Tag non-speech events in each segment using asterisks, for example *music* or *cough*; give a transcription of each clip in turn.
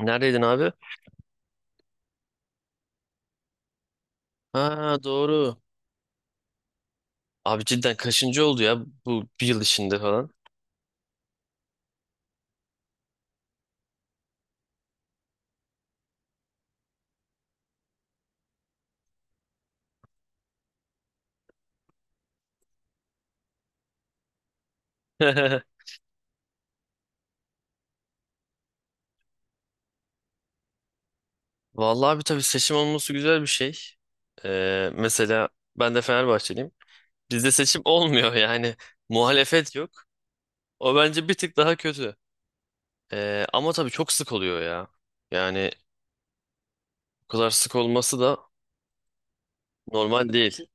Neredeydin abi? Ha doğru. Abi cidden kaçıncı oldu ya bu bir yıl içinde falan. *laughs* Vallahi abi tabii seçim olması güzel bir şey. Mesela ben de Fenerbahçeliyim. Bizde seçim *laughs* olmuyor yani. Muhalefet yok. O bence bir tık daha kötü. Ama tabii çok sık oluyor ya. Yani bu kadar sık olması da normal değil.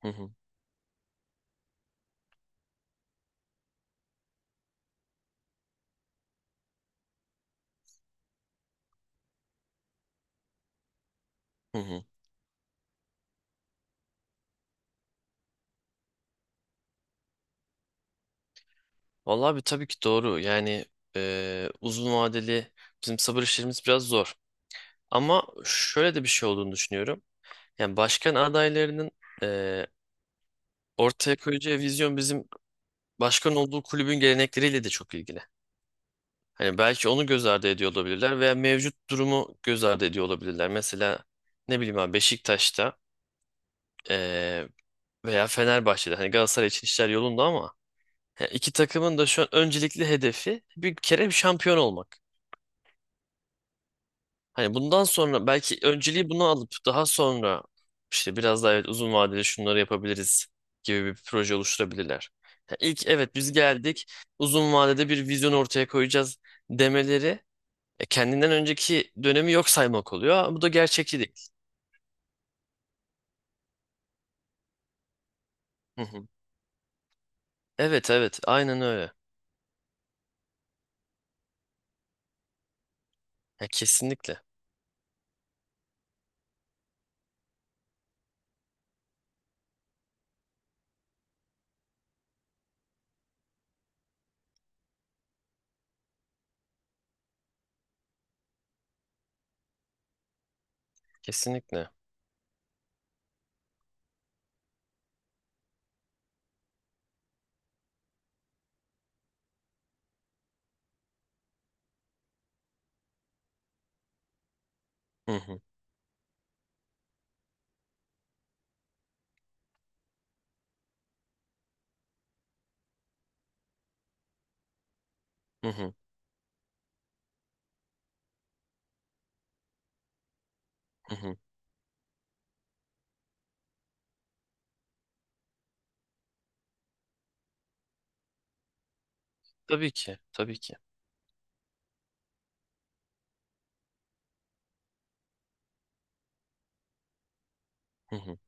Hı hı, hı hı. Vallahi abi tabii ki doğru. Yani uzun vadeli bizim sabır işlerimiz biraz zor. Ama şöyle de bir şey olduğunu düşünüyorum. Yani başkan adaylarının eee, ortaya koyacağı vizyon bizim başkan olduğu kulübün gelenekleriyle de çok ilgili. Hani belki onu göz ardı ediyor olabilirler veya mevcut durumu göz ardı ediyor olabilirler. Mesela ne bileyim abi Beşiktaş'ta eee, veya Fenerbahçe'de hani Galatasaray için işler yolunda ama yani iki takımın da şu an öncelikli hedefi bir kere bir şampiyon olmak. Hani bundan sonra belki önceliği bunu alıp daha sonra işte biraz daha evet uzun vadede şunları yapabiliriz gibi bir proje oluşturabilirler. Ya İlk evet biz geldik uzun vadede bir vizyon ortaya koyacağız demeleri kendinden önceki dönemi yok saymak oluyor. Ama bu da gerçekçi değil. Hı hı. Evet evet aynen öyle. Ya kesinlikle. Hı hı, hı hı, hı hı. Tabii ki tabii ki. Hı hı.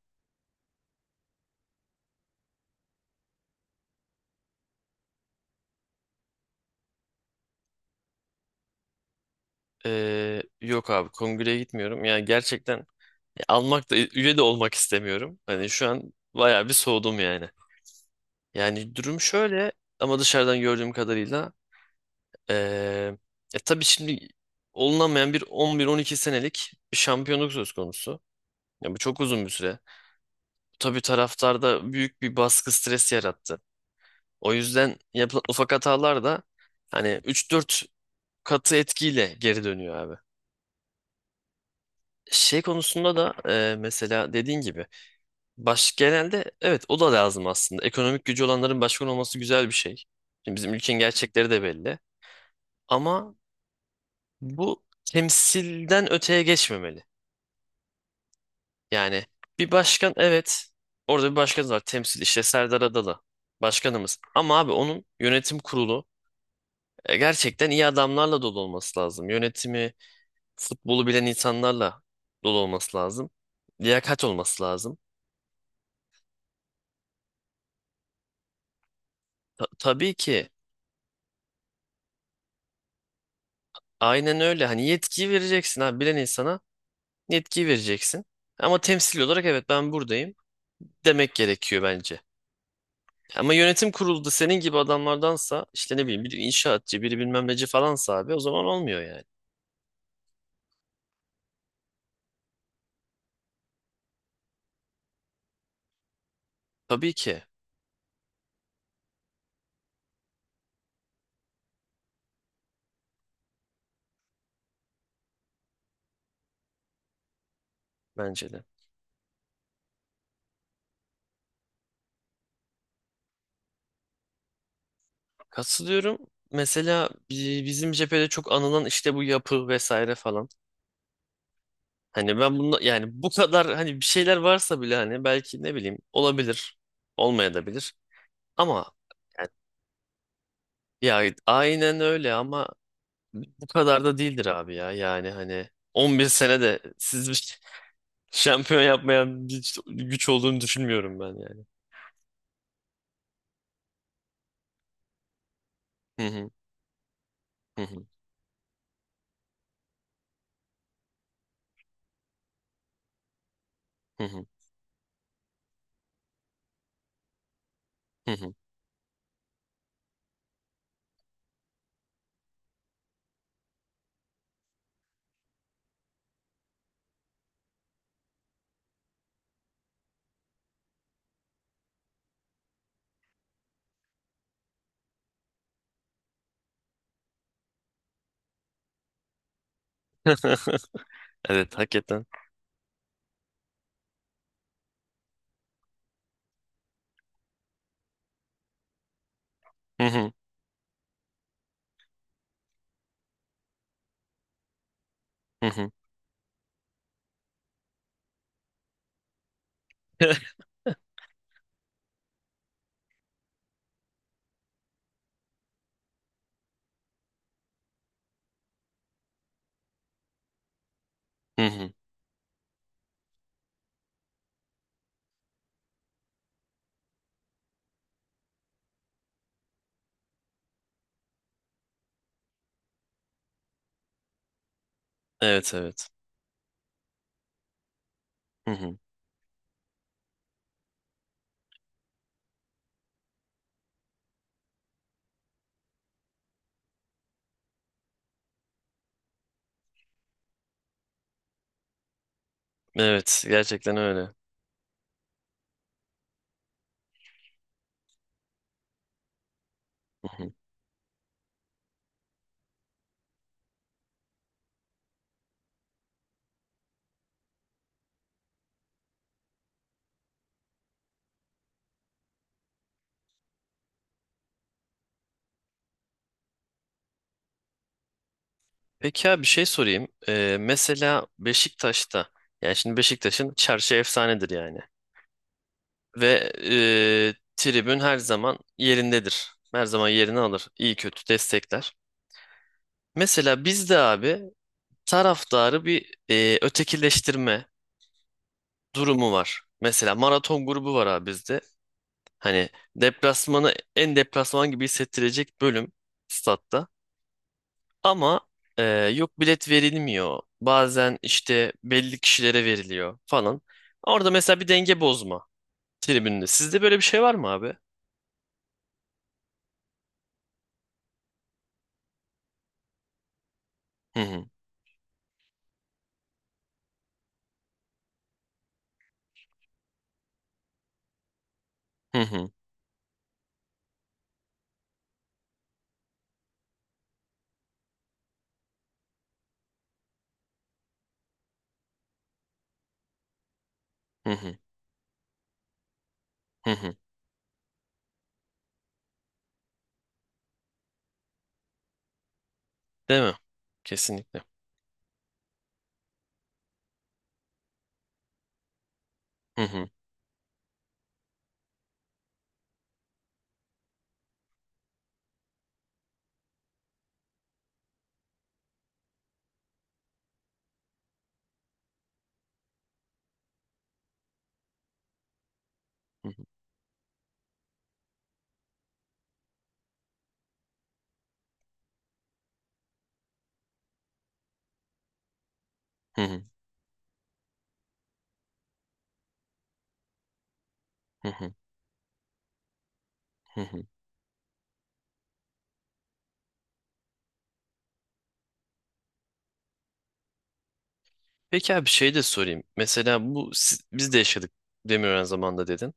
Yok abi kongreye gitmiyorum. Yani gerçekten almak da üye de olmak istemiyorum. Hani şu an bayağı bir soğudum yani. Yani durum şöyle ama dışarıdan gördüğüm kadarıyla eee tabii şimdi olunamayan bir 11-12 senelik bir şampiyonluk söz konusu. Ya bu çok uzun bir süre. Bu tabii taraftarda büyük bir baskı stres yarattı. O yüzden yapılan ufak hatalar da hani 3-4 katı etkiyle geri dönüyor abi. Şey konusunda da mesela dediğin gibi baş genelde evet o da lazım aslında. Ekonomik gücü olanların başkan olması güzel bir şey. Şimdi bizim ülkenin gerçekleri de belli. Ama bu temsilden öteye geçmemeli. Yani bir başkan evet orada bir başkanımız var temsil işte Serdar Adalı başkanımız. Ama abi onun yönetim kurulu gerçekten iyi adamlarla dolu olması lazım. Yönetimi futbolu bilen insanlarla dolu olması lazım. Liyakat olması lazım. Tabii ki aynen öyle hani yetkiyi vereceksin abi bilen insana. Yetkiyi vereceksin. Ama temsil olarak evet ben buradayım demek gerekiyor bence. Ama yönetim kurulunda senin gibi adamlardansa işte ne bileyim biri inşaatçı biri bilmem neci falansa abi o zaman olmuyor yani. Tabii ki bence de. Katılıyorum. Mesela bizim cephede çok anılan işte bu yapı vesaire falan. Hani ben bunu yani bu kadar hani bir şeyler varsa bile hani belki ne bileyim olabilir olmayabilir ama yani, ya aynen öyle ama bu kadar da değildir abi ya. Yani hani 11 sene de siz bir *laughs* şampiyon yapmayan bir güç olduğunu düşünmüyorum ben yani. Hı hı, hı hı, hı hı, hı hı. Evet hakikaten. Hı hı, hı hı, *laughs* hı hı. Evet evet. Hı hı. Evet gerçekten öyle. Hı hı. Peki abi bir şey sorayım. Mesela Beşiktaş'ta yani şimdi Beşiktaş'ın çarşı efsanedir yani. Ve tribün her zaman yerindedir. Her zaman yerini alır. İyi kötü destekler. Mesela bizde abi taraftarı bir ötekileştirme durumu var. Mesela maraton grubu var abi bizde. Hani deplasmanı en deplasman gibi hissettirecek bölüm statta. Ama e, yok bilet verilmiyor. Bazen işte belli kişilere veriliyor falan. Orada mesela bir denge bozma tribünde. Sizde böyle bir şey var mı abi? Hı hı hı hı hı hı hı. Hı. Değil mi? Kesinlikle. Hı hı hı hı hı hı hı. Hı hı. Peki abi şey de sorayım. Mesela bu biz de yaşadık Demirören zamanında dedin.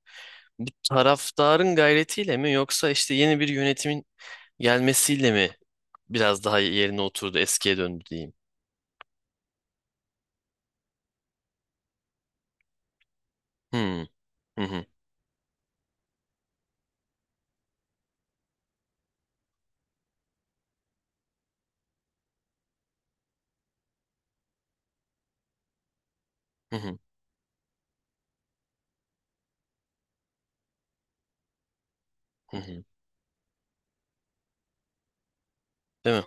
Bu taraftarın gayretiyle mi yoksa işte yeni bir yönetimin gelmesiyle mi biraz daha yerine oturdu, eskiye döndü diyeyim. Hmm, hı hı. Hı hı. Hı hı. Değil mi?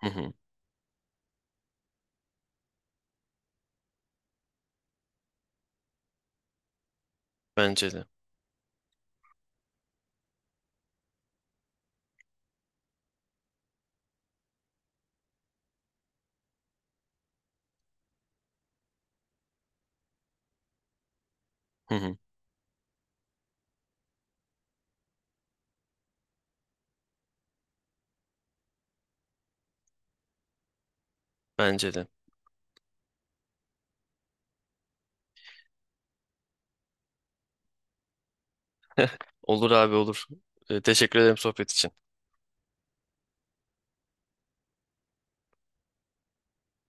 Hı hı. Bence de. Hı hı. Bence de. Olur abi olur. Teşekkür ederim sohbet için.